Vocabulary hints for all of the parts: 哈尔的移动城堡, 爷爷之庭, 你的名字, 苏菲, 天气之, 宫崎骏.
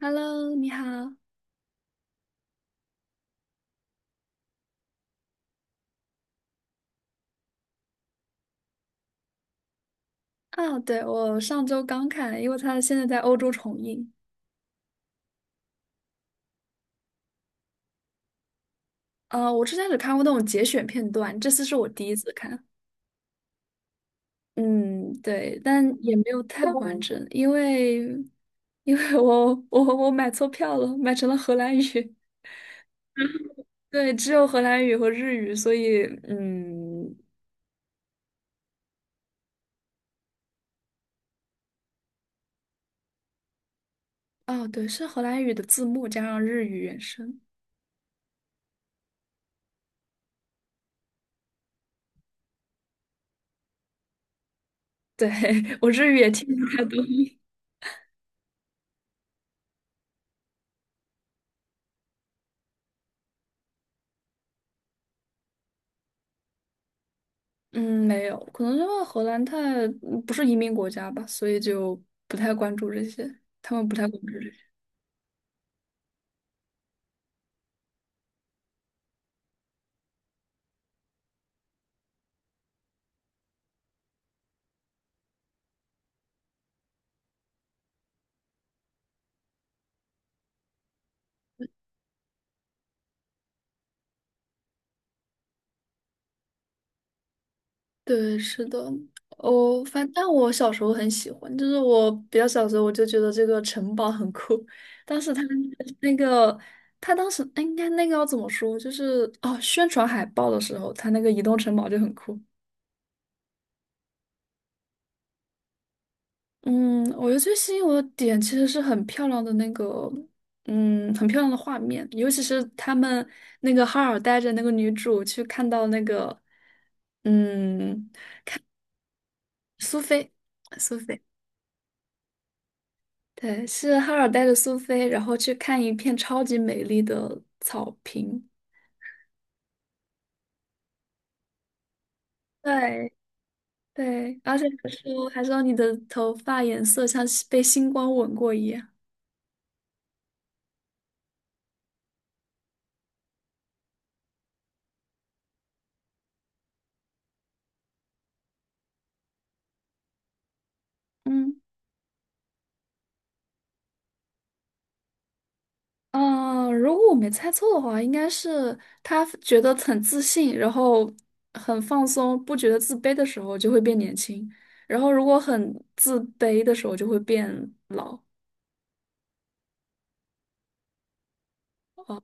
Hello，你好。啊，对，我上周刚看，因为它现在在欧洲重映。啊，我之前只看过那种节选片段，这次是我第一次看。嗯，对，但也没有太完整，因为我买错票了，买成了荷兰语。对，只有荷兰语和日语，所以哦，对，是荷兰语的字幕加上日语原声。对，我日语也听不太懂。嗯，没有，可能因为荷兰太不是移民国家吧，所以就不太关注这些，他们不太关注这些。对，是的，哦，反正但我小时候很喜欢，就是我比较小的时候我就觉得这个城堡很酷，当时他那个他当时哎应该那个要怎么说，就是哦宣传海报的时候，他那个移动城堡就很酷。嗯，我觉得最吸引我的点其实是很漂亮的那个，嗯，很漂亮的画面，尤其是他们那个哈尔带着那个女主去看到那个，嗯，苏菲，苏菲，对，是哈尔带着苏菲，然后去看一片超级美丽的草坪，对对，而且还说还说你的头发颜色像被星光吻过一样，嗯。嗯，如果我没猜错的话，应该是他觉得很自信，然后很放松，不觉得自卑的时候就会变年轻，然后如果很自卑的时候就会变老。哦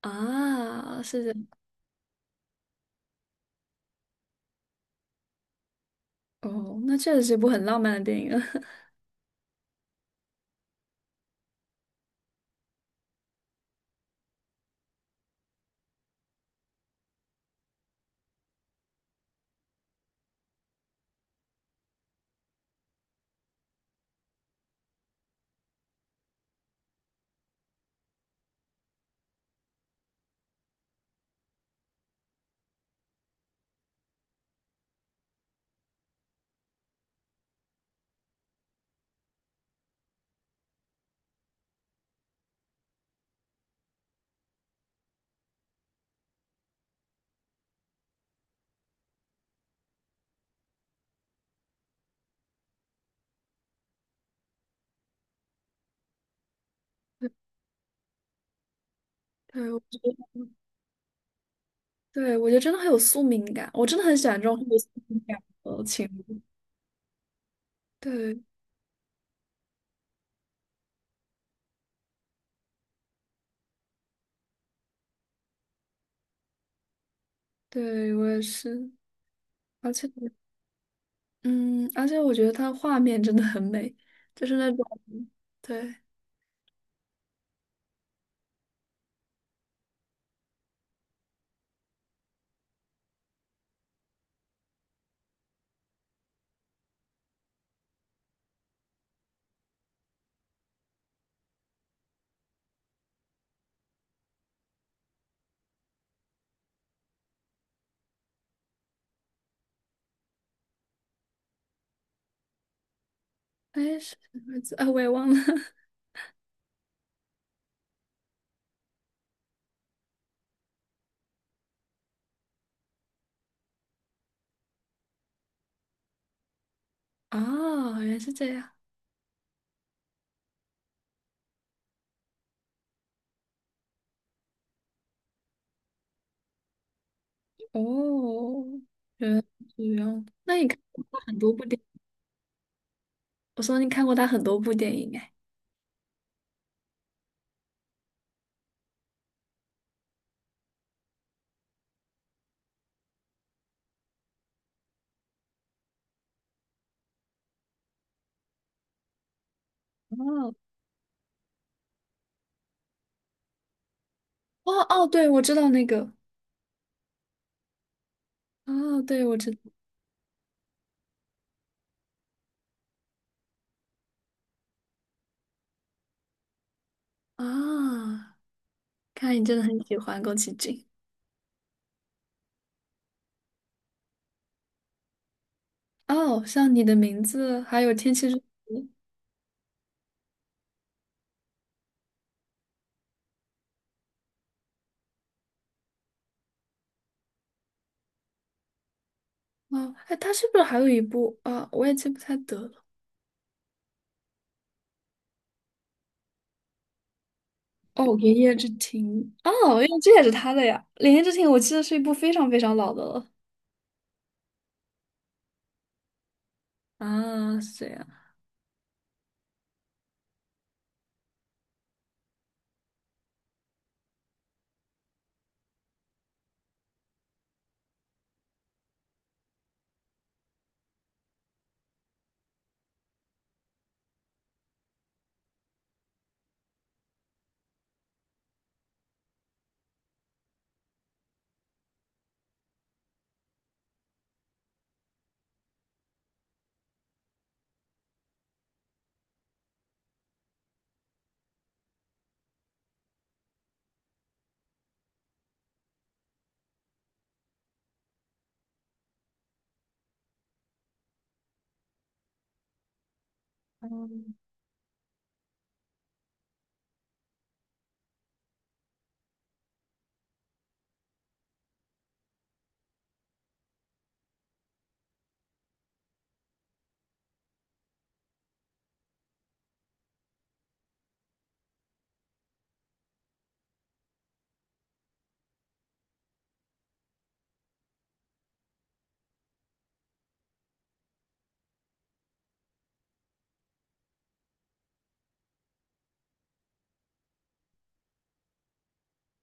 啊，是这样哦，那确实是一部很浪漫的电影。对，我觉得，对，我觉得真的很有宿命感，我真的很喜欢这种很有宿命感的情侣。对，对，我也是，而且，嗯，而且我觉得它画面真的很美，就是那种。对，哎，是什么字啊？我也忘了。啊，原来是这样。哦，原来是这样。那你看过他很多部电我说你看过他很多部电影哎。哦，哦哦，对，我知道那个。哦，对，我知道。啊、看来你真的很喜欢宫崎骏。哦，像你的名字，还有天气之。哦，哎，他是不是还有一部啊？我也记不太得了。哦，《爷爷之庭》哦，因为这也是他的呀，《爷爷之庭》我记得是一部非常非常老的了。啊，是这样。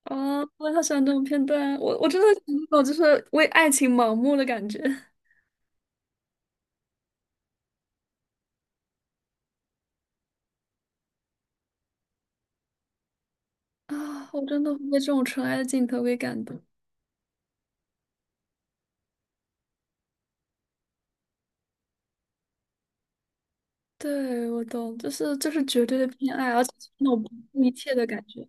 啊，我也好喜欢这种片段，我真的有那种就是为爱情盲目的感觉 啊，我真的会被这种纯爱的镜头给感动。对，我懂，就是绝对的偏爱，而且是那种不顾一切的感觉。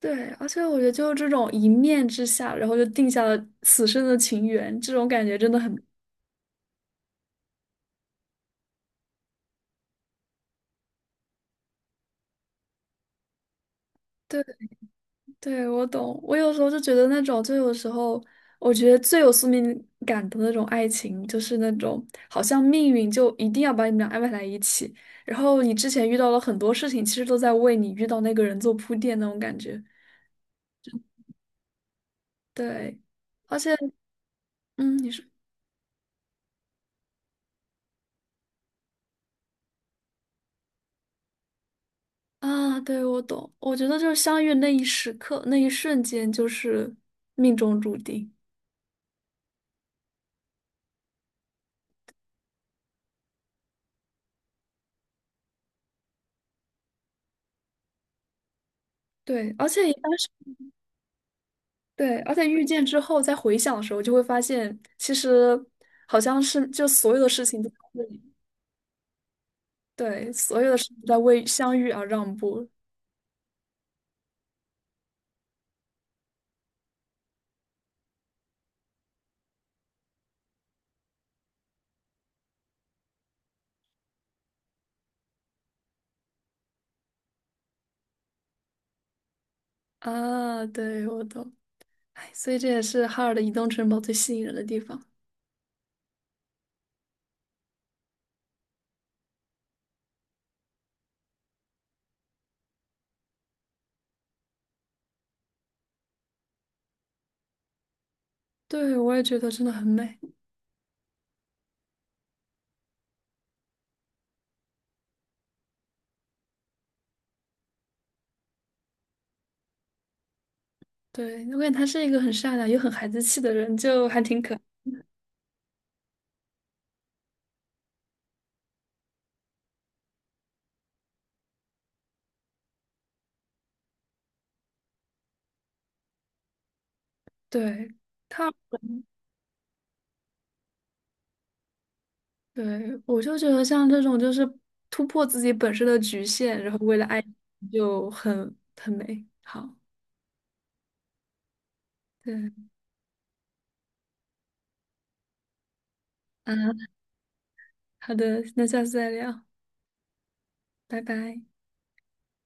对，而且我觉得就是这种一面之下，然后就定下了此生的情缘，这种感觉真的很。对。对，我懂。我有时候就觉得那种，就有时候我觉得最有宿命感的那种爱情，就是那种好像命运就一定要把你们俩安排在一起，然后你之前遇到了很多事情，其实都在为你遇到那个人做铺垫那种感觉。对，而且，嗯，你说啊，对，我懂。我觉得就是相遇那一时刻，那一瞬间就是命中注定。对，而且一般对，而且遇见之后再回想的时候，就会发现其实好像是就所有的事情都在为对，所有的事情都在为相遇而让步啊。对，我懂。哎，所以这也是哈尔的移动城堡最吸引人的地方。对，我也觉得真的很美。对，我感觉他是一个很善良又很孩子气的人，就还挺可爱。对，他，对，我就觉得像这种就是突破自己本身的局限，然后为了爱就很很美好。对。嗯。好的，那下次再聊，拜拜。